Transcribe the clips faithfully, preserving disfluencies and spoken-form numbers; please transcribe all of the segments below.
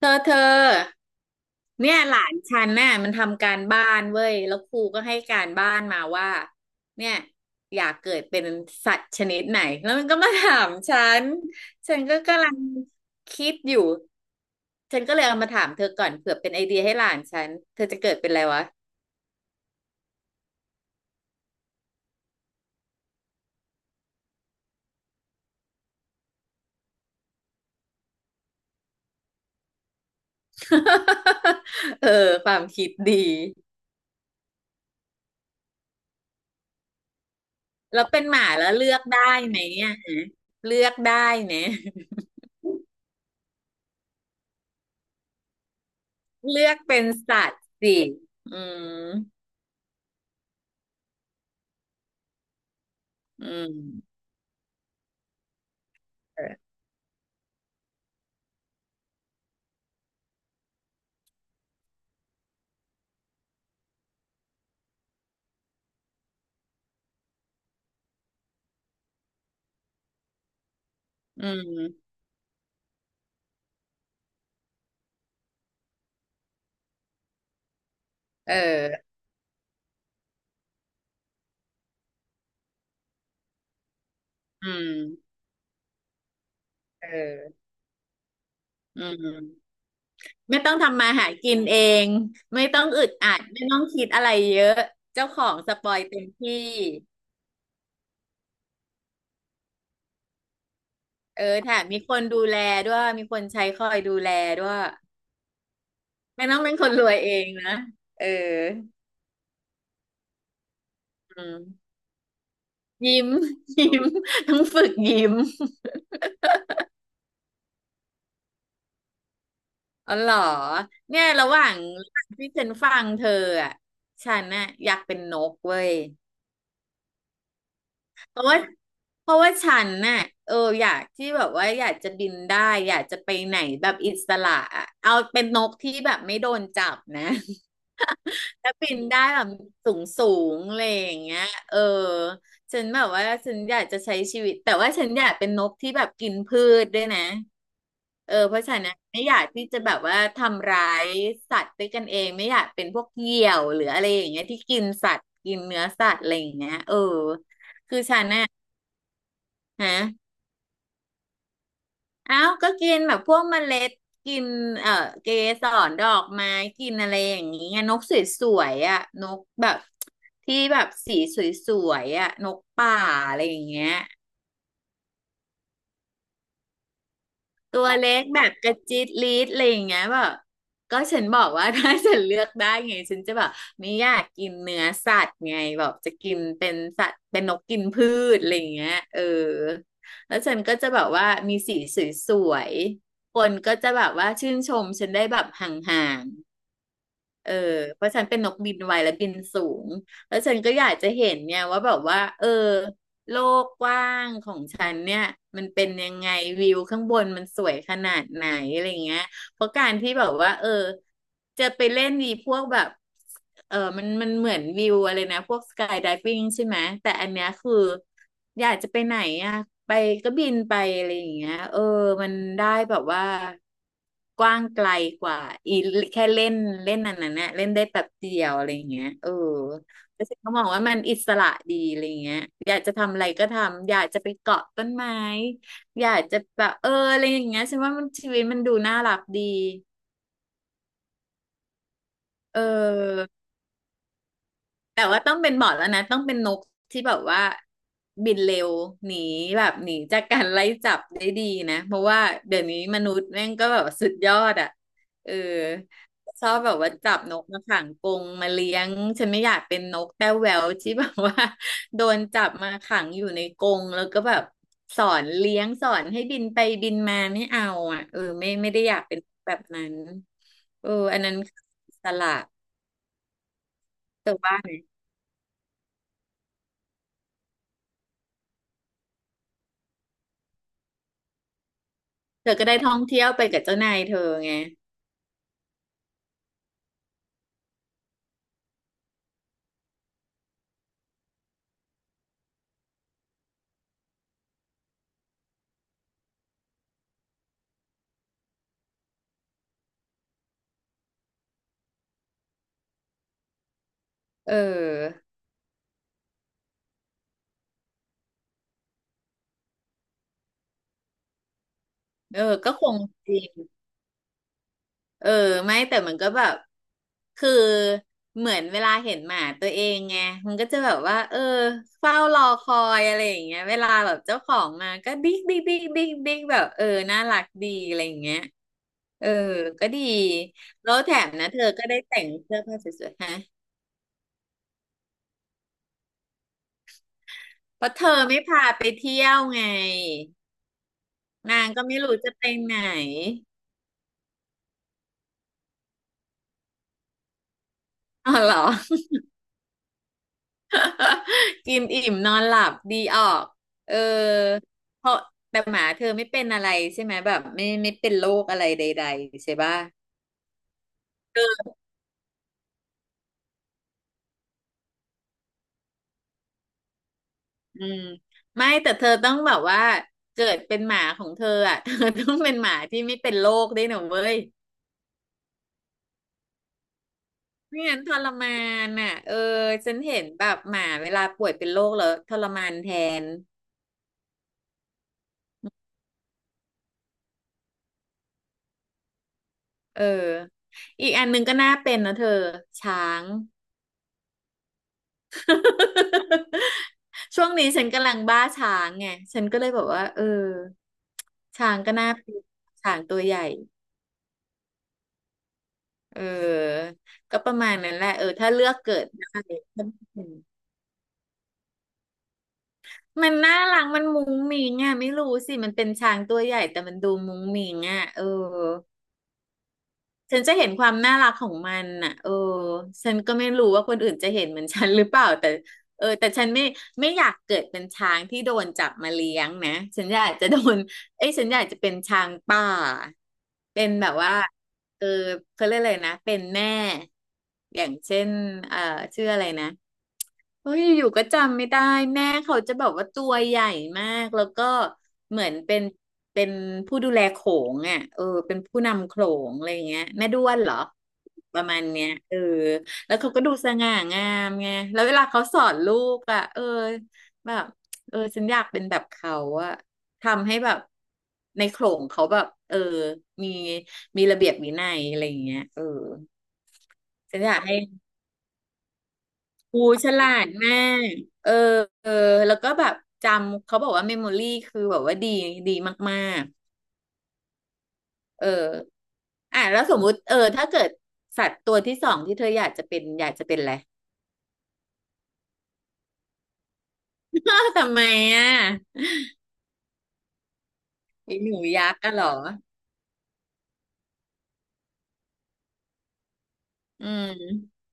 เธอเธอเนี่ยหลานฉันน่ะมันทำการบ้านเว้ยแล้วครูก็ให้การบ้านมาว่าเนี่ยอยากเกิดเป็นสัตว์ชนิดไหนแล้วมันก็มาถามฉันฉันก็กำลังคิดอยู่ฉันก็เลยเอามาถามเธอก่อนเผื่อเป็นไอเดียให้หลานฉันเธอจะเกิดเป็นอะไรวะ เออความคิดดีแล้วเป็นหมาแล้วเลือกได้ไหมเนี่ยเลือกได้เนี่ย เลือกเป็นสัตว์สิอืม อืมเอออืมเอออืมเอออืมไม่ต้องทำมาหากินเอง ไม่ต้องอึดอัดไม่ต้องคิดอะไรเยอะเจ้าของสปอยเต็มที่เออแถมมีคนดูแลด้วย มีคนใช้คอยดูแลด้วยไม่ต้องเป็นคนรวยเองนะเอออืมยิ้ม ยิ้มต้องฝึกยิ้มอ๋อเหรอเนี่ยระหว่างระหว่างที่ฉันฟังเธออ่ะฉันน่ะอยากเป็นนกเว้ย เพราะว่าเพราะว่าฉันน่ะเอออยากที่แบบว่าอยากจะบินได้อยากจะไปไหนแบบอิสระอะเอาเป็นนกที่แบบไม่โดนจับนะ ถ้าบินได้แบบสูงสูงอะไรอย่างเงี้ยเออฉันแบบว่าฉันอยากจะใช้ชีวิตแต่ว่าฉันอยากเป็นนกที่แบบกินพืชด้วยนะเออเพราะฉันั้นะไม่อยากที่จะแบบว่าทำร้ายสัตว์ด้วยกันเองไม่อยากเป็นพวกเหยี่ยวหรืออะไรอย่างเงี้ยที่กินสัตว์กินเนื้อสัตว์อะไรอย่างเงี้ยเออคือฉันน่ะ ฮะเอ้าก็กินแบบพวกเมล็ด กิน เอ่อเกสรดอกไม้ กินอะไรอย่างนี้ไงนกสวยๆอ่ะนกแบบที่แบบสีสวยๆอ่ะนกป่าอะไรอย่างเงี้ย ตัวเล็กแบบกระจิตลีดอะไรอย่างเงี้ยแบบก็ฉันบอกว่า ถ้าฉันเลือกได้ไงฉันจะแบบไม่อยากกินเนื้อสัตว์ไงแบบจะกินเป็นสัตว์เป็นนกกินพืชอะไรอย่างเงี้ยเออแล้วฉันก็จะแบบว่ามีสีสวยๆคนก็จะแบบว่าชื่นชมฉันได้แบบห่างๆ เออเพราะฉันเป็นนกบินไวและบินสูงแล้วฉันก็อยากจะเห็นเนี่ยว่าแบบว่าเออโลกกว้างของฉันเนี่ยมันเป็นยังไงวิวข้างบนมันสวยขนาดไหนอะไรเงี้ยเพราะการที่แบบว่าเออจะไปเล่นนีพวกแบบ เออมันมันเหมือนวิวอะไรนะพวกสกายไดวิ่งใช่ไหม แต่อันเนี้ยคืออยากจะไปไหนอ่ะไปก็บินไปอะไรอย่างเงี้ยเออมันได้แบบว่ากว้างไกลกว่าอีแค่เล่นเล่นอันนั้นเนี่ยเล่นได้แป๊บเดียวอะไรอย่างเงี้ยเออแล้วฉันก็มองว่ามันอิสระดีอะไรอย่างเงี้ยอยากจะทำอะไรก็ทำอยากจะไปเกาะต้นไม้อยากจะแบบเอออะไรอย่างเงี้ยฉันว่ามันชีวิตมันดูน่ารักดีเออ แต่ว่าต้องเป็นหมอร์ดแล้วนะต้องเป็นนกที่แบบว่าบินเร็วหนีแบบหนีจากการไล่จับได้ดีนะเพราะว่าเดี๋ยวนี้มนุษย์แม่งก็แบบสุดยอดอ่ะเออชอบแบบว่าจับนกมาขังกรงมาเลี้ยงฉันไม่อยากเป็นนกแต้วแหววที่แบบว่า โดนจับมาขังอยู่ในกรงแล้วก็แบบสอนเลี้ยงสอนให้บินไปบินมาไม่เอาอ่ะเออไม่ไม่ได้อยากเป็นแบบนั้นเอออันนั้นอิสละเธอว่าไง เธอก็ได้ท่องเที่ยวไปกับเจ้านายเธอไงเออเออก็คงจริงเออไม่แต่มันก็แบบ คือเหมือนเวลาเห็นหมาตัวเองไงมันก็จะแบบว่าเออเฝ้ารอคอยอะไรอย่างเงี้ยเวลาแบบเจ้าของมาก็บิ๊กบิ๊กบิ๊กบิ๊กบิ๊กแบบเออน่ารักดีอะไรอย่างเงี้ยเออก็ดีแล้วแถมนะเธอก็ได้แต่งเสื้อผ้าสวยๆฮะเพราะเธอไม่พาไปเที่ยวไง นางก็ไม่รู้จะไปไหนอ๋อเหรอ กินอิ่มนอนหลับดีออกเออเพราะแต่หมาเธอไม่เป็นอะไรใช่ไหมแบบไม่ไม่เป็นโรคอะไรใดๆใช่ป่ะอืมไม่แต่เธอต้องแบบว่าเกิดเป็นหมาของเธออ่ะ เธอต้องเป็นหมาที่ไม่เป็นโรคด้วยนะเว้ยไม่งั้นทรมานอ่ะเออฉันเห็นแบบหมาเวลาป่วยเป็นโรคแล้วทรมานแทนเอออีกอันหนึงก็น่าเป็นนะเธอช้าง ช่วงนี้ฉันกำลังบ้าช้างไงฉันก็เลยแบบว่าเออช้างก็น่าเป็นช้างตัวใหญ่เออก็ประมาณนั้นแหละเออถ้าเลือกเกิดได้ ถ้ามันน่ารักมันมุ้งมิ้งอ่ะไม่รู้สิมันเป็นช้างตัวใหญ่แต่มันดูมุ้งมิ้งอ่ะเออ ฉันจะเห็นความน่ารักของมันน่ะเออฉันก็ไม่รู้ว่าคนอื่นจะเห็นเหมือนฉันหรือเปล่าแต่เออแต่ฉันไม่ไม่อยากเกิดเป็นช้างที่โดนจับมาเลี้ยงนะฉันอยากจะโดนเอ้ยฉันอยากจะเป็นช้างป่าเป็นแบบว่า เออเขาเรียกอะไรนะเป็นแม่อย่างเช่นเอ่อชื่ออะไรนะโอ้ยอยู่ๆก็จำไม่ได้แม่เขาจะแบบว่าตัวใหญ่มากแล้วก็เหมือนเป็นเป็นผู้ดูแลโขงอ่ะเออเป็นผู้นำโขงอะไรอย่างเงี้ยแม่ด้วนเหรอประมาณเนี้ยเออแล้วเขาก็ดูสง่างามไงแล้วเวลาเขาสอนลูกอ่ะเออแบบเออฉันอยากเป็นแบบเขาอ่ะ ทำให้แบบในโขลงเขาแบบเออมีมีระเบียบวินัยอะไรอย่างเงี้ยเออฉันอยากให้ครูฉลาดมากเออเออแล้วก็แบบจำเขาบอกว่าเมมโมรี่คือแบบว่าดีดีมากๆเอออ่ะแล้วสมมุติเออถ้าเกิดสัตว์ตัวที่สองที่เธออยากจะเป็นอยากจะเป็นอะไรอ้าวทำไมอ่ะไอหนูยักษ์อะเหรออืม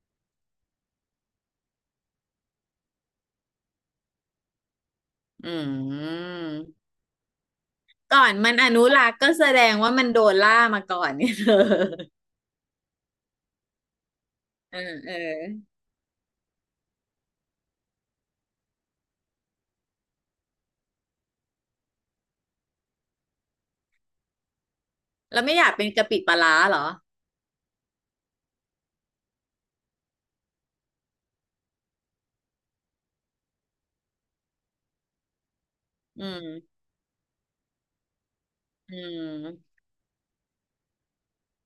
อืมก่อนมันอนุรักษ์ก็แสดงว่ามันโดนล่ามาก่อนเนี่ยเธอ เออเออแล้วไม่อยากเป็นกะปิปลาร้าเหรออืมอืม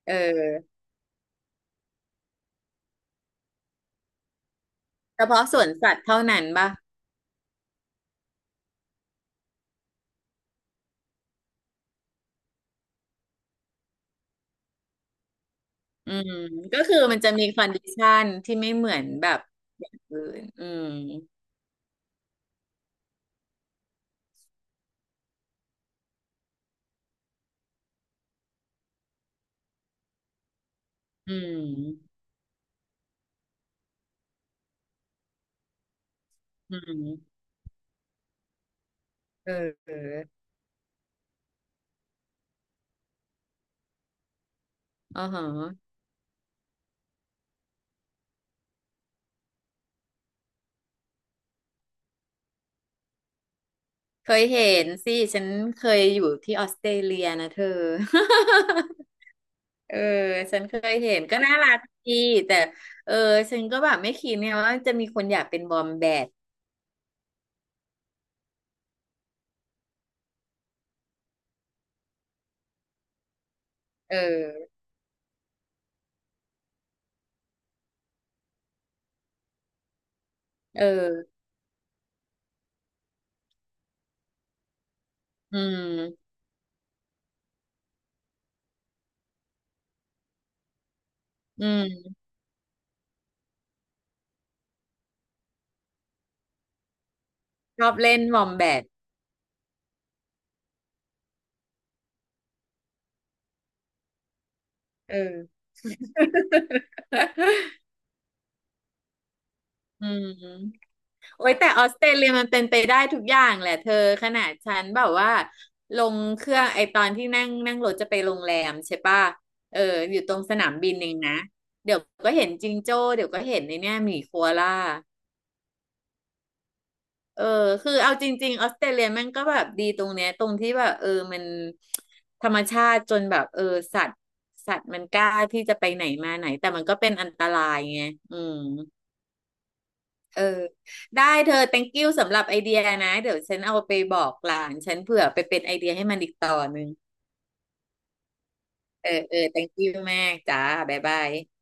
เออเฉพาะสวนสัตว์เท่านั้นป่ะอืมก็คือมันจะมีคอนดิชันที่ไม่เหมือนแบบอย่างอื่นอืมอืมอืมเออออ๋อฮะเคยเห็นสิฉันเคยอยู่ที่ออสเตรเลียนะเธอ เออฉันเคยเห็นก็น่ารักดีแต่เออฉันก็แบบไม่คิดเนี่ยว่าจะมีคนอยากเป็นบอมแบดเออเออ อืม อืมชอบเล่นวอมแบดเออ อืมโอ้ยแต่ออสเตรเลียมันเป็นไปได้ทุกอย่างแหละเธอขนาดฉันแบบว่าลงเครื่องไอตอนที่นั่งนั่งรถจะไปโรงแรมใช่ป่ะเอออยู่ตรงสนามบินเองนะเดี๋ยวก็เห็นจิงโจ้เดี๋ยวก็เห็นในเนี่ยหมีโคอาล่า เออคือเอาจริงๆออสเตรเลียมันก็แบบดีตรงเนี้ยตรงที่แบบเออมันธรรมชาติจนแบบเออสัตว์สัตว์มันกล้าที่จะไปไหนมาไหนแต่มันก็เป็นอันตรายไงอืมเออได้เธอ thank you สำหรับไอเดียนะเดี๋ยวฉันเอาไปบอกหลานฉันเผื่อไปเป็นไอเดียให้มันอีกต่อหนึ่งเออเออ thank you มากจ้าบ๊ายบาย